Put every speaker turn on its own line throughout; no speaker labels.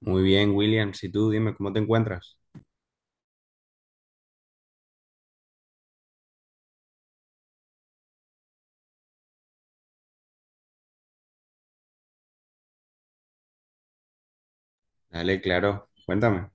Muy bien, Williams. Y tú, dime, ¿cómo te encuentras? Dale, claro, cuéntame.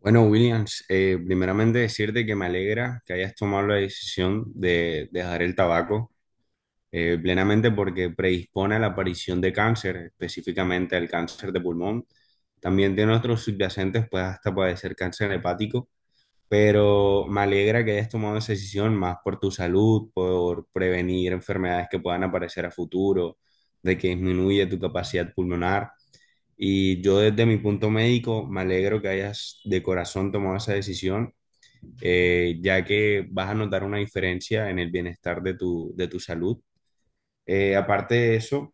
Bueno, Williams, primeramente decirte que me alegra que hayas tomado la decisión de dejar el tabaco plenamente porque predispone a la aparición de cáncer, específicamente al cáncer de pulmón. También de nuestros subyacentes puede hasta padecer cáncer hepático. Pero me alegra que hayas tomado esa decisión más por tu salud, por prevenir enfermedades que puedan aparecer a futuro, de que disminuye tu capacidad pulmonar. Y yo desde mi punto médico me alegro que hayas de corazón tomado esa decisión, ya que vas a notar una diferencia en el bienestar de tu salud. Aparte de eso,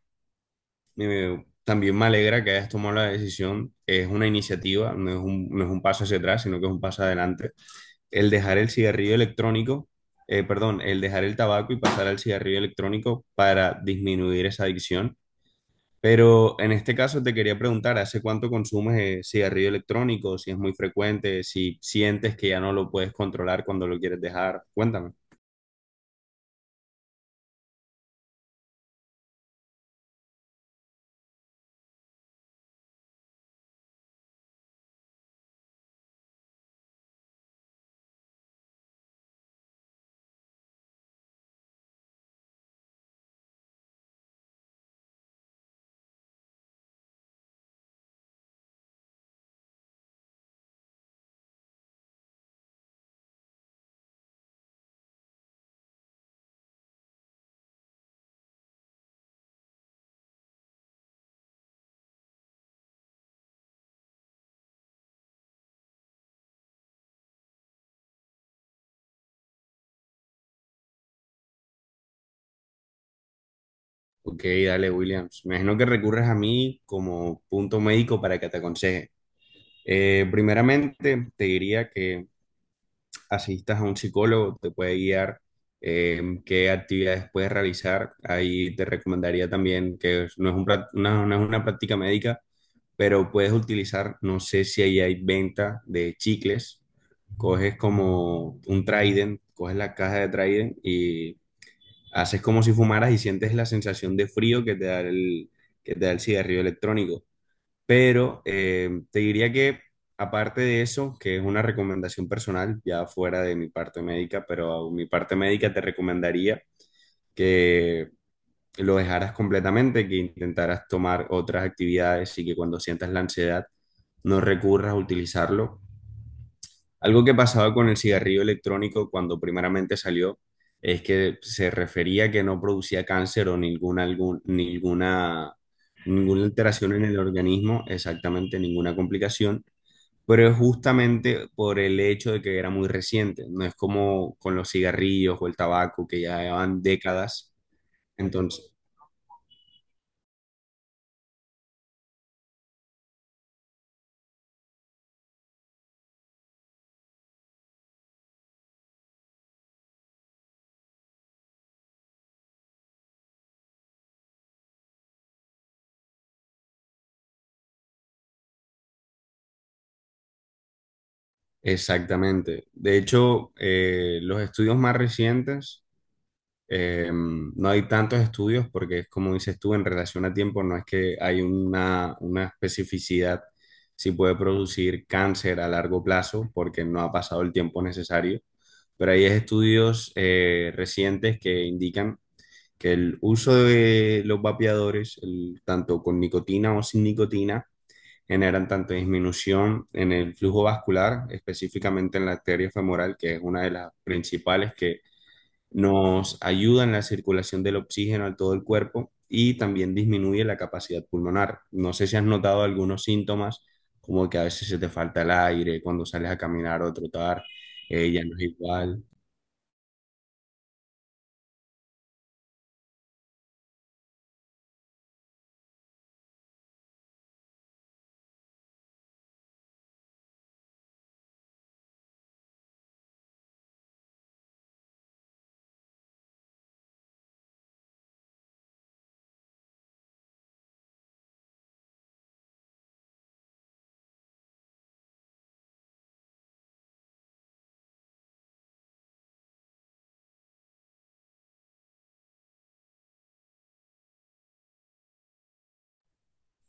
también me alegra que hayas tomado la decisión. Es una iniciativa, no es un paso hacia atrás, sino que es un paso adelante el dejar el cigarrillo electrónico, perdón, el dejar el tabaco y pasar al cigarrillo electrónico para disminuir esa adicción. Pero en este caso te quería preguntar, ¿hace cuánto consumes cigarrillo electrónico? Si es muy frecuente, si sientes que ya no lo puedes controlar cuando lo quieres dejar. Cuéntame. Ok, dale, Williams. Me imagino que recurres a mí como punto médico para que te aconseje. Primeramente, te diría que asistas a un psicólogo, te puede guiar qué actividades puedes realizar. Ahí te recomendaría también que es- no es un prac- no- no es una práctica médica, pero puedes utilizar, no sé si ahí hay venta de chicles, coges como un Trident, coges la caja de Trident y haces como si fumaras y sientes la sensación de frío que que te da el cigarrillo electrónico. Pero te diría que aparte de eso, que es una recomendación personal, ya fuera de mi parte médica, pero mi parte médica te recomendaría que lo dejaras completamente, que intentaras tomar otras actividades y que cuando sientas la ansiedad no recurras a utilizarlo. Algo que pasaba con el cigarrillo electrónico cuando primeramente salió es que se refería que no producía cáncer o ninguna alteración en el organismo, exactamente ninguna complicación, pero es justamente por el hecho de que era muy reciente, no es como con los cigarrillos o el tabaco que ya llevan décadas. Entonces, exactamente. De hecho, los estudios más recientes, no hay tantos estudios porque es como dices tú, en relación a tiempo no es que hay una especificidad si puede producir cáncer a largo plazo porque no ha pasado el tiempo necesario, pero hay estudios recientes que indican que el uso de los vapeadores, tanto con nicotina o sin nicotina, generan tanto disminución en el flujo vascular, específicamente en la arteria femoral, que es una de las principales que nos ayuda en la circulación del oxígeno a todo el cuerpo y también disminuye la capacidad pulmonar. No sé si has notado algunos síntomas, como que a veces se te falta el aire cuando sales a caminar o a trotar, ya no es igual.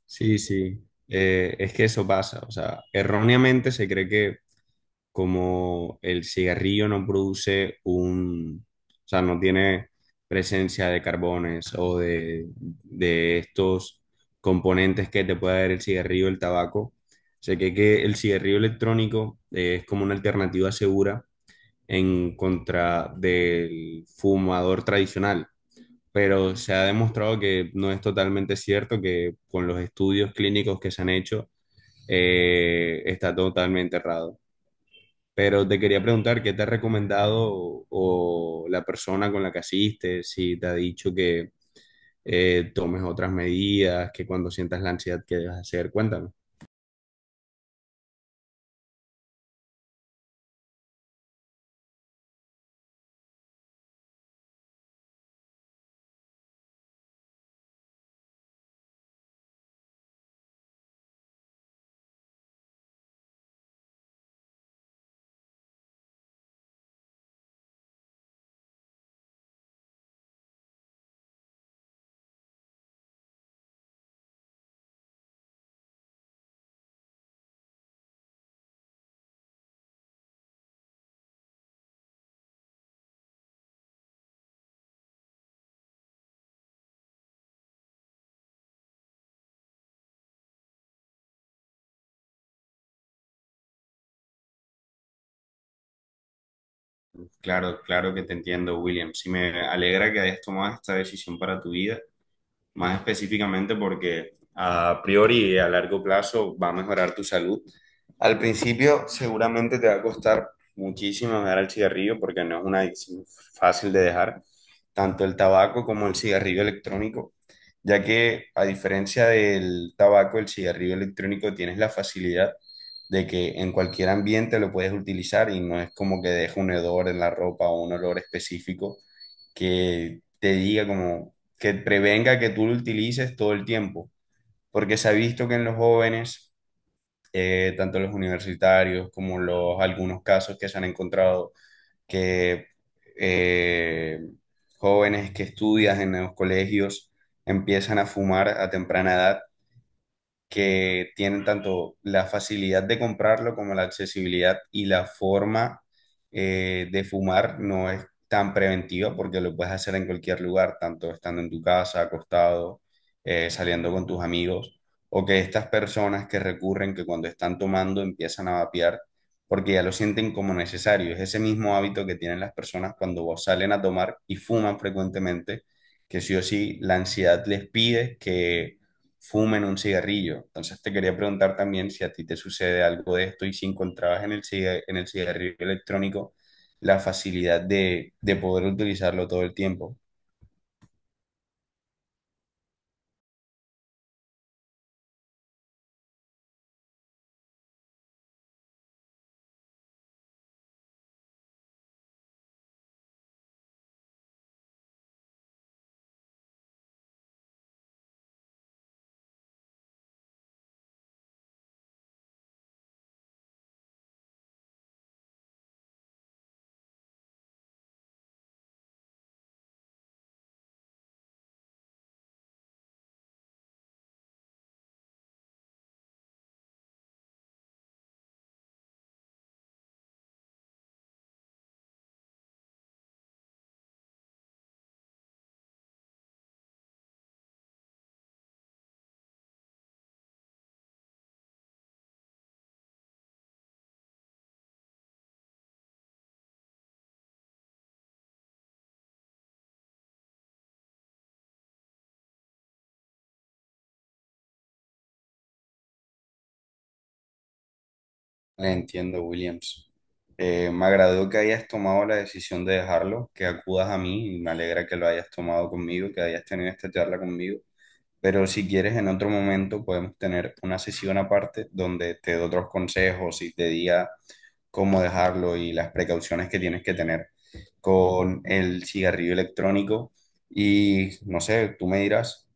Sí, sí, es que eso pasa, o sea, erróneamente se cree que como el cigarrillo no produce un, o sea, no tiene presencia de carbones o de estos componentes que te puede dar el cigarrillo, el tabaco. Sé que el cigarrillo electrónico es como una alternativa segura en contra del fumador tradicional, pero se ha demostrado que no es totalmente cierto, que con los estudios clínicos que se han hecho, está totalmente errado. Pero te quería preguntar, ¿qué te ha recomendado o la persona con la que asistes? Si te ha dicho que tomes otras medidas, que cuando sientas la ansiedad, ¿qué debes hacer? Cuéntame. Claro, claro que te entiendo, William. Sí me alegra que hayas tomado esta decisión para tu vida, más específicamente porque a priori y a largo plazo va a mejorar tu salud. Al principio seguramente te va a costar muchísimo dejar el cigarrillo porque no es una adicción fácil de dejar, tanto el tabaco como el cigarrillo electrónico, ya que a diferencia del tabaco, el cigarrillo electrónico tienes la facilidad de que en cualquier ambiente lo puedes utilizar y no es como que deje un hedor en la ropa o un olor específico que te diga como que prevenga que tú lo utilices todo el tiempo, porque se ha visto que en los jóvenes, tanto los universitarios como los algunos casos que se han encontrado, que eh, jóvenes que estudian en los colegios empiezan a fumar a temprana edad, que tienen tanto la facilidad de comprarlo como la accesibilidad y la forma de fumar no es tan preventiva porque lo puedes hacer en cualquier lugar, tanto estando en tu casa, acostado, saliendo con tus amigos, o que estas personas que recurren, que cuando están tomando empiezan a vapear porque ya lo sienten como necesario. Es ese mismo hábito que tienen las personas cuando salen a tomar y fuman frecuentemente, que sí o sí la ansiedad les pide que fumen un cigarrillo. Entonces te quería preguntar también si a ti te sucede algo de esto y si encontrabas en en el cigarrillo electrónico la facilidad de poder utilizarlo todo el tiempo. Entiendo, Williams. Me agradó que hayas tomado la decisión de dejarlo, que acudas a mí y me alegra que lo hayas tomado conmigo, que hayas tenido esta charla conmigo. Pero si quieres, en otro momento podemos tener una sesión aparte donde te doy otros consejos y te diga cómo dejarlo y las precauciones que tienes que tener con el cigarrillo electrónico. Y no sé, tú me dirás.